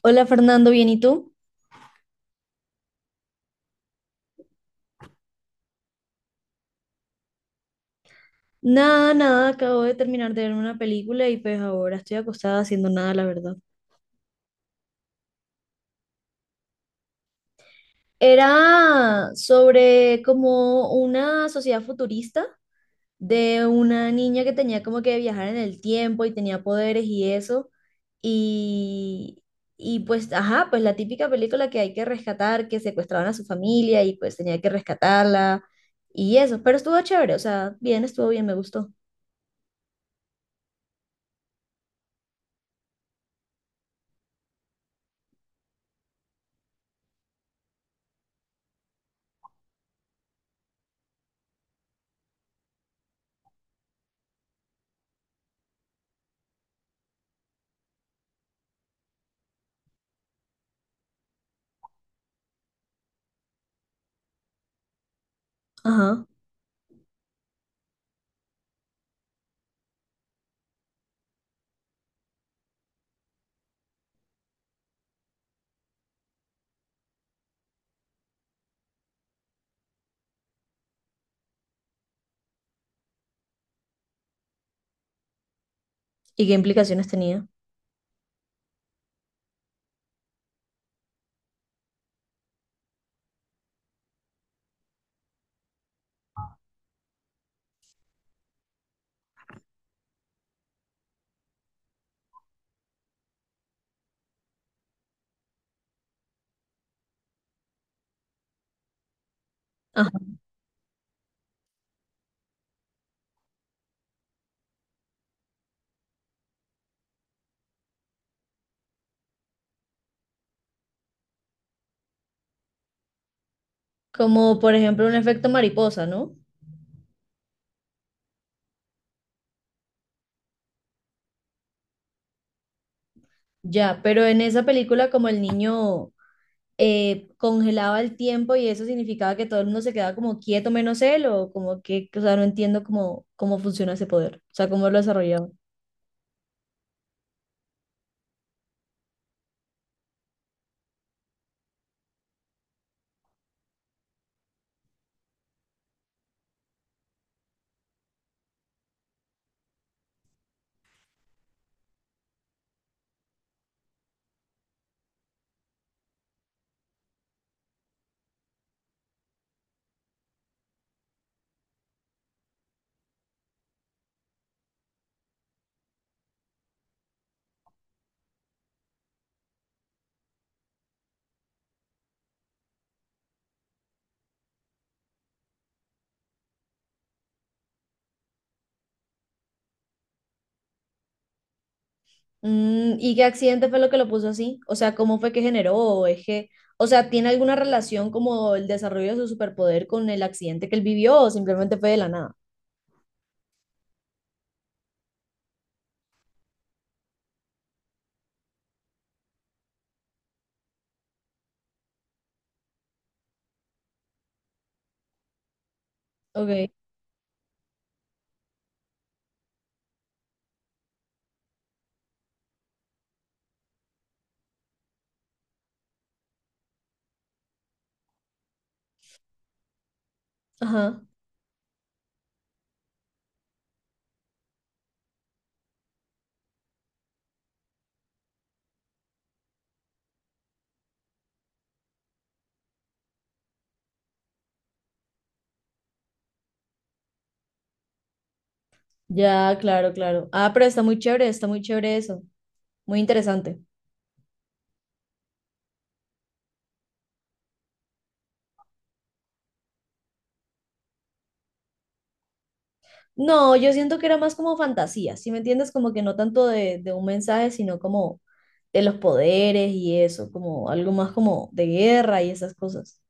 Hola Fernando, ¿bien y tú? Nada, nada, acabo de terminar de ver una película y pues ahora estoy acostada haciendo nada, la verdad. Era sobre como una sociedad futurista de una niña que tenía como que viajar en el tiempo y tenía poderes y eso. Y, y pues, ajá, pues la típica película que hay que rescatar, que secuestraban a su familia y pues tenía que rescatarla y eso. Pero estuvo chévere, o sea, bien, estuvo bien, me gustó. Ajá. ¿Y qué implicaciones tenía? Como por ejemplo un efecto mariposa, ¿no? Ya, pero en esa película como el niño congelaba el tiempo y eso significaba que todo el mundo se quedaba como quieto menos él o como que, o sea, no entiendo cómo, cómo funciona ese poder, o sea, cómo lo desarrollaba. Mm, ¿y qué accidente fue lo que lo puso así? O sea, ¿cómo fue que generó? ¿O es que, o sea, tiene alguna relación como el desarrollo de su superpoder con el accidente que él vivió o simplemente fue de la nada? Ok, ajá, ya, claro, claro. Ah, pero está muy chévere eso, muy interesante. No, yo siento que era más como fantasía, ¿sí me entiendes? Como que no tanto de un mensaje, sino como de los poderes y eso, como algo más como de guerra y esas cosas.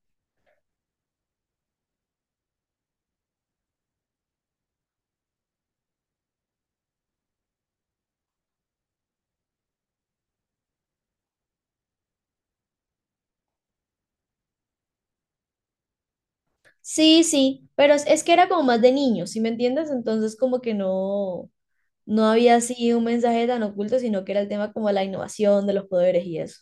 Sí, sí, pero es que era como más de niños, ¿sí me entiendes? Entonces como que no, no había así un mensaje tan oculto, sino que era el tema como de la innovación, de los poderes y eso.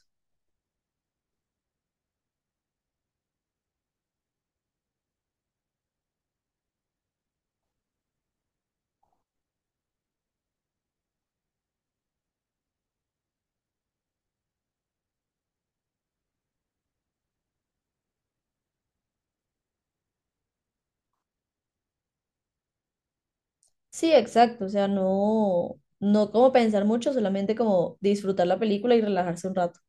Sí, exacto, o sea, no, no como pensar mucho, solamente como disfrutar la película y relajarse un rato.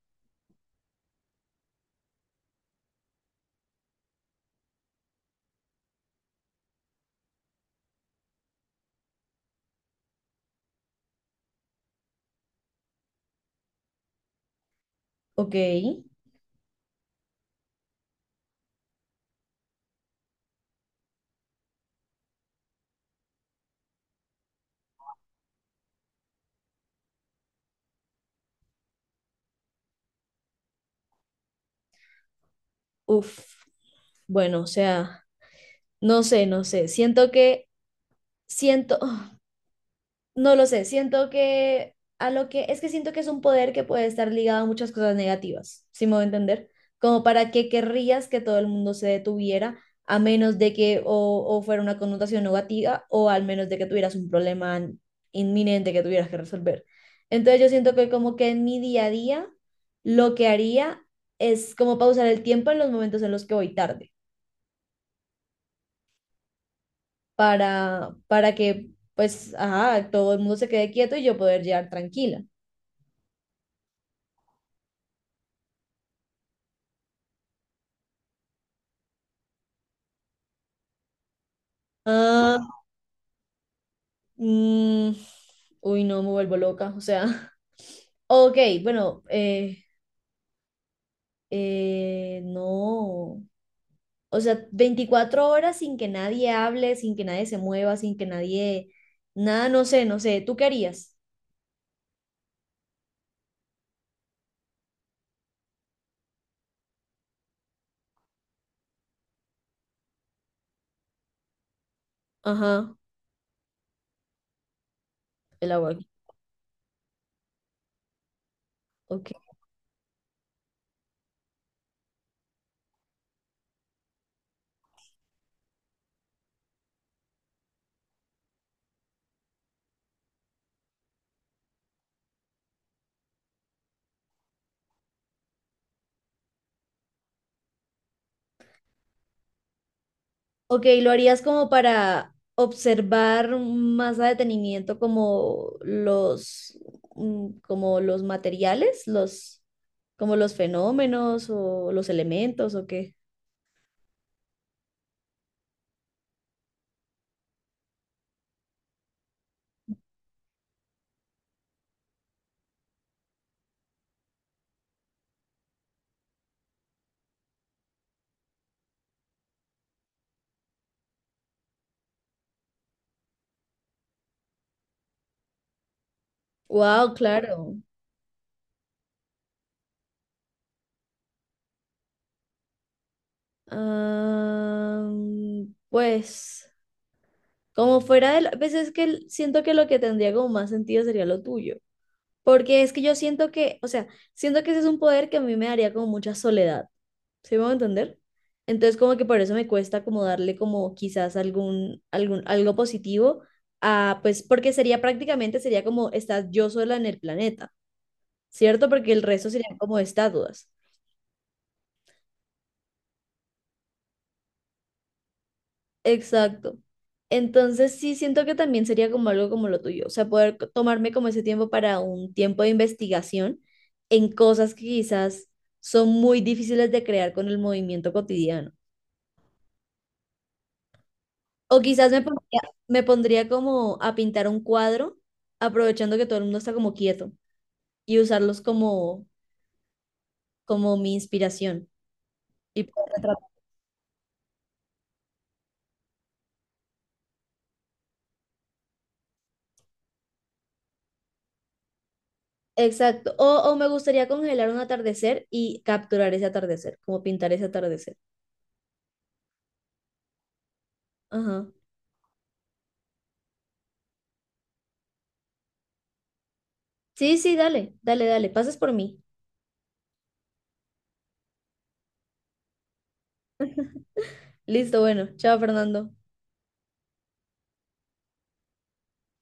Ok, uff, bueno, o sea... No sé, no sé. Siento que, siento, no lo sé. Siento que a lo que, es que siento que es un poder que puede estar ligado a muchas cosas negativas, si me voy a entender. Como para qué querrías que todo el mundo se detuviera, a menos de que o fuera una connotación negativa, o al menos de que tuvieras un problema inminente que tuvieras que resolver. Entonces yo siento que como que en mi día a día, lo que haría es como pausar el tiempo en los momentos en los que voy tarde para que pues, ajá, todo el mundo se quede quieto y yo poder llegar tranquila. Ah, mm, uy, no, me vuelvo loca, o sea, ok, bueno, no, o sea, 24 horas sin que nadie hable, sin que nadie se mueva, sin que nadie, nada, no sé, no sé, ¿tú qué harías? Ajá, el agua. Ok. Ok, ¿lo harías como para observar más a detenimiento como los, mm, como los materiales, los, como los fenómenos o los elementos o qué? Wow, claro. Ah, pues, como fuera de la, pues es que el- siento que lo que tendría como más sentido sería lo tuyo. Porque es que yo siento que, o sea, siento que ese es un poder que a mí me daría como mucha soledad. ¿Sí me voy a entender? Entonces como que por eso me cuesta como darle como quizás algún, algún, algo positivo a, pues porque sería prácticamente, sería como estás yo sola en el planeta, ¿cierto? Porque el resto serían como estatuas. Exacto. Entonces sí siento que también sería como algo como lo tuyo, o sea, poder co- tomarme como ese tiempo para un tiempo de investigación en cosas que quizás son muy difíciles de crear con el movimiento cotidiano. O quizás me pondría como a pintar un cuadro, aprovechando que todo el mundo está como quieto y usarlos como, como mi inspiración. Y poder retratar. Exacto. O me gustaría congelar un atardecer y capturar ese atardecer, como pintar ese atardecer. Ajá. Sí, sí, dale, dale, dale. Pases por mí. Listo, bueno. Chao, Fernando.